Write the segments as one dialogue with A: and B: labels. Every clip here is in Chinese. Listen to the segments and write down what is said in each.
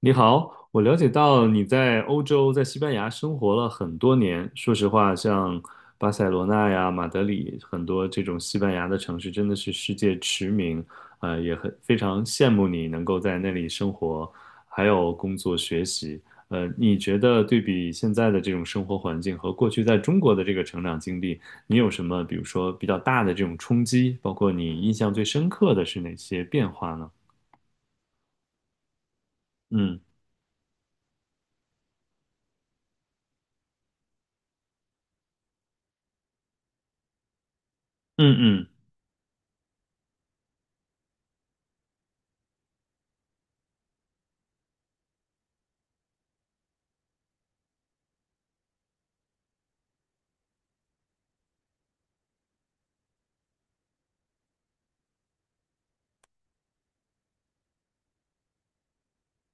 A: 你好，我了解到你在欧洲，在西班牙生活了很多年。说实话，像巴塞罗那呀、马德里，很多这种西班牙的城市，真的是世界驰名。也很非常羡慕你能够在那里生活，还有工作学习。你觉得对比现在的这种生活环境和过去在中国的这个成长经历，你有什么，比如说比较大的这种冲击？包括你印象最深刻的是哪些变化呢？嗯嗯嗯，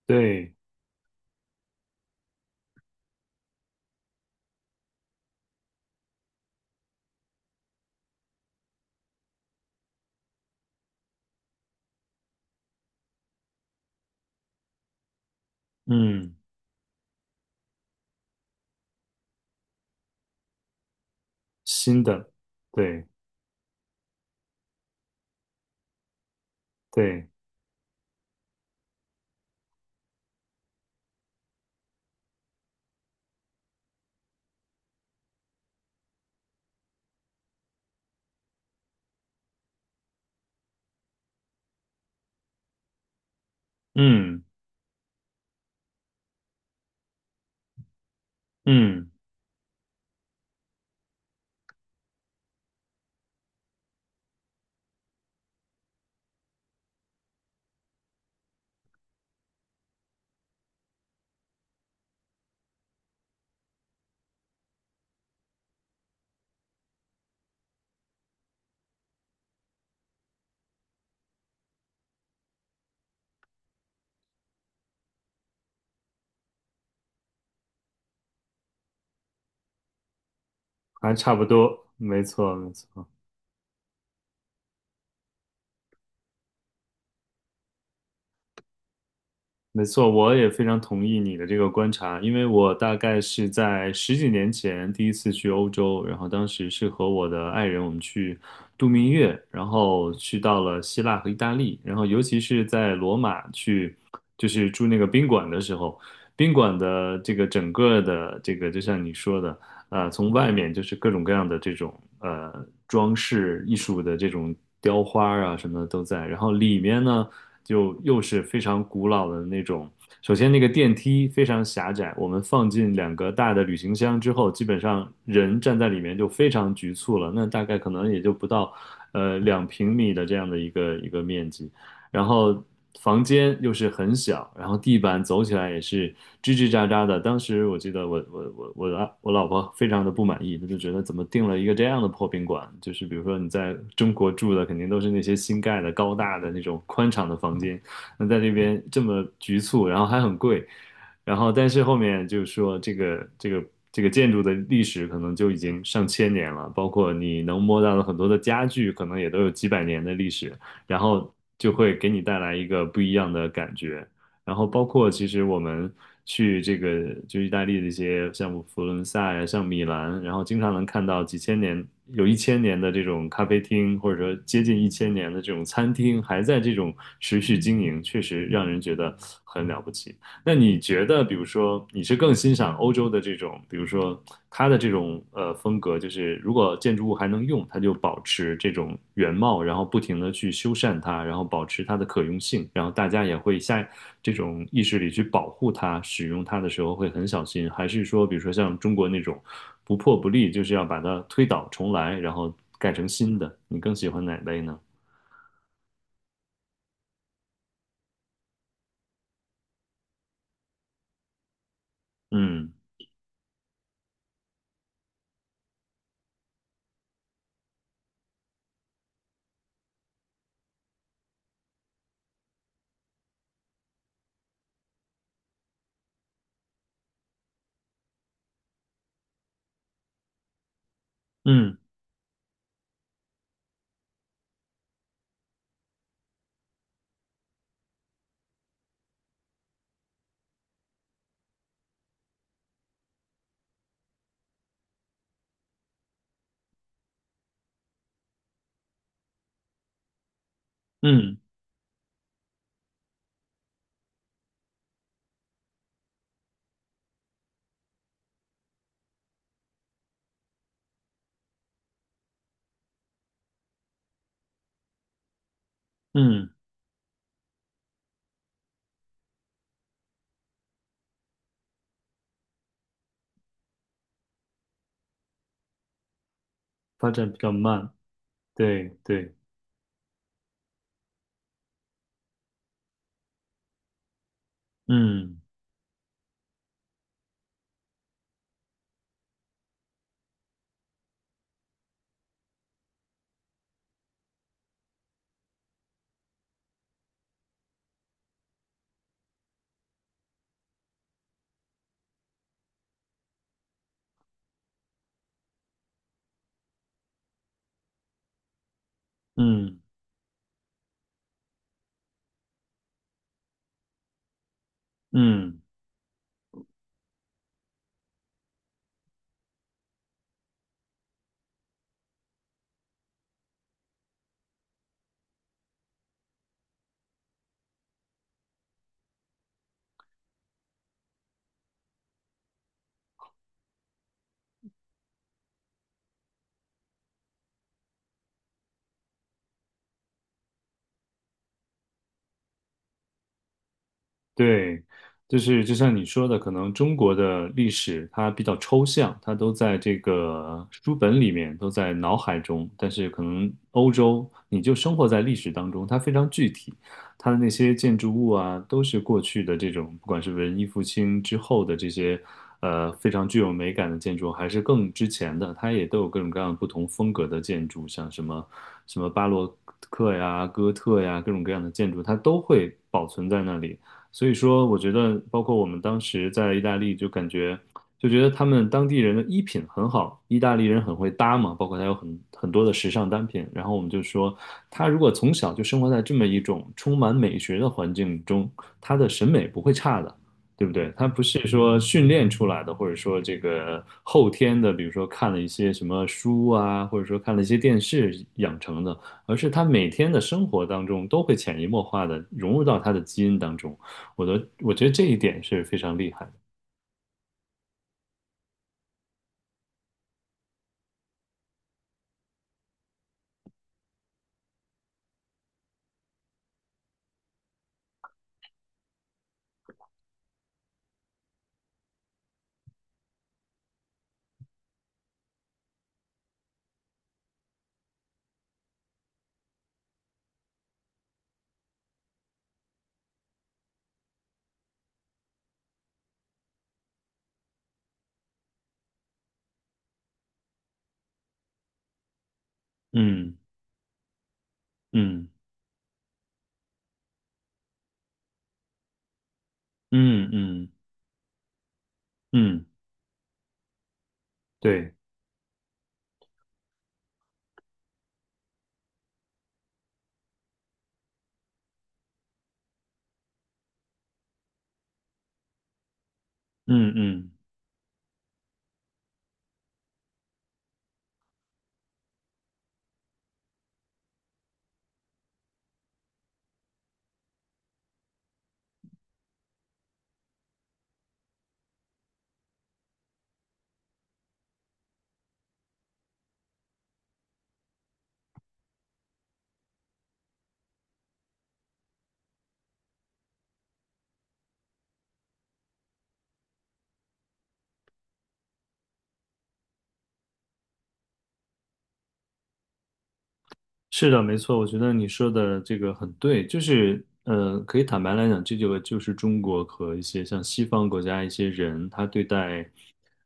A: 对，嗯。新的，对对，嗯嗯，还差不多，没错没错。没错，我也非常同意你的这个观察，因为我大概是在十几年前第一次去欧洲，然后当时是和我的爱人我们去度蜜月，然后去到了希腊和意大利，然后尤其是在罗马去，就是住那个宾馆的时候，宾馆的这个整个的这个就像你说的，从外面就是各种各样的这种装饰艺术的这种雕花啊什么的都在，然后里面呢。就又是非常古老的那种。首先，那个电梯非常狭窄，我们放进两个大的旅行箱之后，基本上人站在里面就非常局促了。那大概可能也就不到，两平米的这样的一个面积。然后房间又是很小，然后地板走起来也是吱吱喳喳的。当时我记得我老婆非常的不满意，她就觉得怎么订了一个这样的破宾馆？就是比如说你在中国住的肯定都是那些新盖的高大的那种宽敞的房间，那在那边这么局促，然后还很贵。然后，但是后面就是说，这个建筑的历史可能就已经上千年了，包括你能摸到的很多的家具，可能也都有几百年的历史。然后就会给你带来一个不一样的感觉。然后包括其实我们去这个就意大利的一些像佛罗伦萨呀，像米兰，然后经常能看到几千年有一千年的这种咖啡厅，或者说接近一千年的这种餐厅还在这种持续经营，确实让人觉得很了不起。那你觉得，比如说，你是更欣赏欧洲的这种，比如说它的这种风格，就是如果建筑物还能用，它就保持这种原貌，然后不停的去修缮它，然后保持它的可用性，然后大家也会下这种意识里去保护它，使用它的时候会很小心，还是说，比如说像中国那种不破不立，就是要把它推倒重来，然后盖成新的？你更喜欢哪类呢？嗯嗯嗯嗯，发展比较慢，对对。嗯。嗯嗯。对，就是就像你说的，可能中国的历史它比较抽象，它都在这个书本里面，都在脑海中。但是可能欧洲，你就生活在历史当中，它非常具体，它的那些建筑物啊，都是过去的这种，不管是文艺复兴之后的这些，非常具有美感的建筑，还是更之前的，它也都有各种各样不同风格的建筑，像什么巴洛克呀、哥特呀，各种各样的建筑，它都会保存在那里。所以说，我觉得包括我们当时在意大利，就感觉就觉得他们当地人的衣品很好，意大利人很会搭嘛，包括他有很多的时尚单品。然后我们就说，他如果从小就生活在这么一种充满美学的环境中，他的审美不会差的，对不对？他不是说训练出来的，或者说这个后天的，比如说看了一些什么书啊，或者说看了一些电视养成的，而是他每天的生活当中都会潜移默化的融入到他的基因当中。我觉得这一点是非常厉害的。嗯嗯嗯嗯嗯，对，嗯嗯。是的，没错，我觉得你说的这个很对，就是，可以坦白来讲，这就是中国和一些像西方国家一些人，他对待，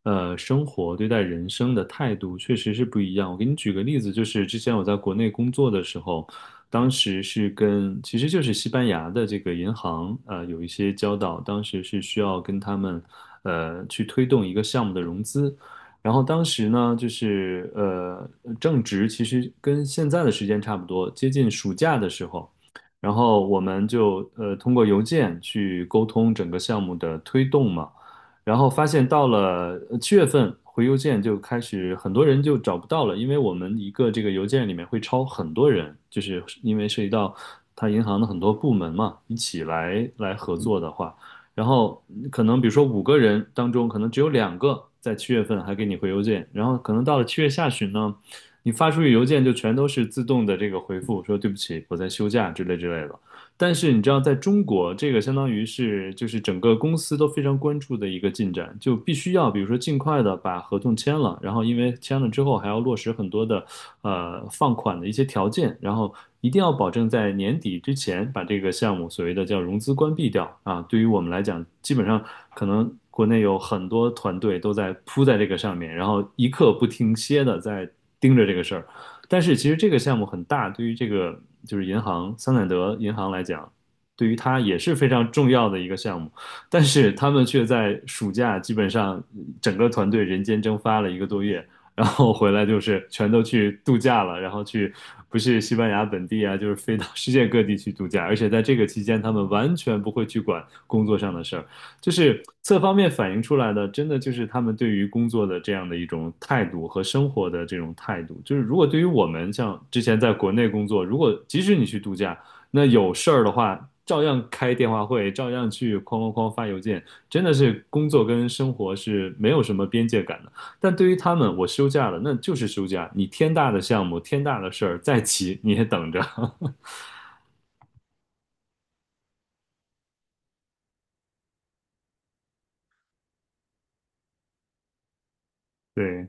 A: 生活、对待人生的态度确实是不一样。我给你举个例子，就是之前我在国内工作的时候，当时是跟，其实就是西班牙的这个银行，有一些交道，当时是需要跟他们，去推动一个项目的融资。然后当时呢，就是,正值其实跟现在的时间差不多，接近暑假的时候，然后我们就通过邮件去沟通整个项目的推动嘛，然后发现到了七月份回邮件就开始很多人就找不到了，因为我们一个这个邮件里面会超很多人，就是因为涉及到他银行的很多部门嘛，一起来合作的话。然后可能比如说五个人当中，可能只有两个在七月份还给你回邮件，然后可能到了七月下旬呢，你发出去邮件就全都是自动的这个回复，说对不起，我在休假之类之类的。但是你知道，在中国，这个相当于是就是整个公司都非常关注的一个进展，就必须要比如说尽快的把合同签了，然后因为签了之后还要落实很多的放款的一些条件，然后一定要保证在年底之前把这个项目所谓的叫融资关闭掉啊。对于我们来讲，基本上可能国内有很多团队都在扑在这个上面，然后一刻不停歇的在盯着这个事儿。但是其实这个项目很大，对于这个就是银行桑坦德银行来讲，对于它也是非常重要的一个项目，但是他们却在暑假基本上整个团队人间蒸发了一个多月，然后回来就是全都去度假了，然后去不是西班牙本地啊，就是飞到世界各地去度假，而且在这个期间，他们完全不会去管工作上的事儿，就是侧方面反映出来的，真的就是他们对于工作的这样的一种态度和生活的这种态度。就是如果对于我们像之前在国内工作，如果即使你去度假，那有事儿的话，照样开电话会，照样去哐哐哐发邮件，真的是工作跟生活是没有什么边界感的。但对于他们，我休假了，那就是休假，你天大的项目、天大的事儿再急你也等着。对，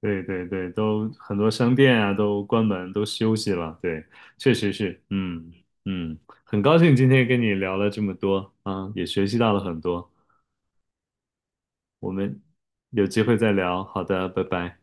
A: 对对对，都很多商店啊都关门，都休息了。对，确实是，嗯嗯，很高兴今天跟你聊了这么多啊，也学习到了很多。我们有机会再聊。好的，拜拜。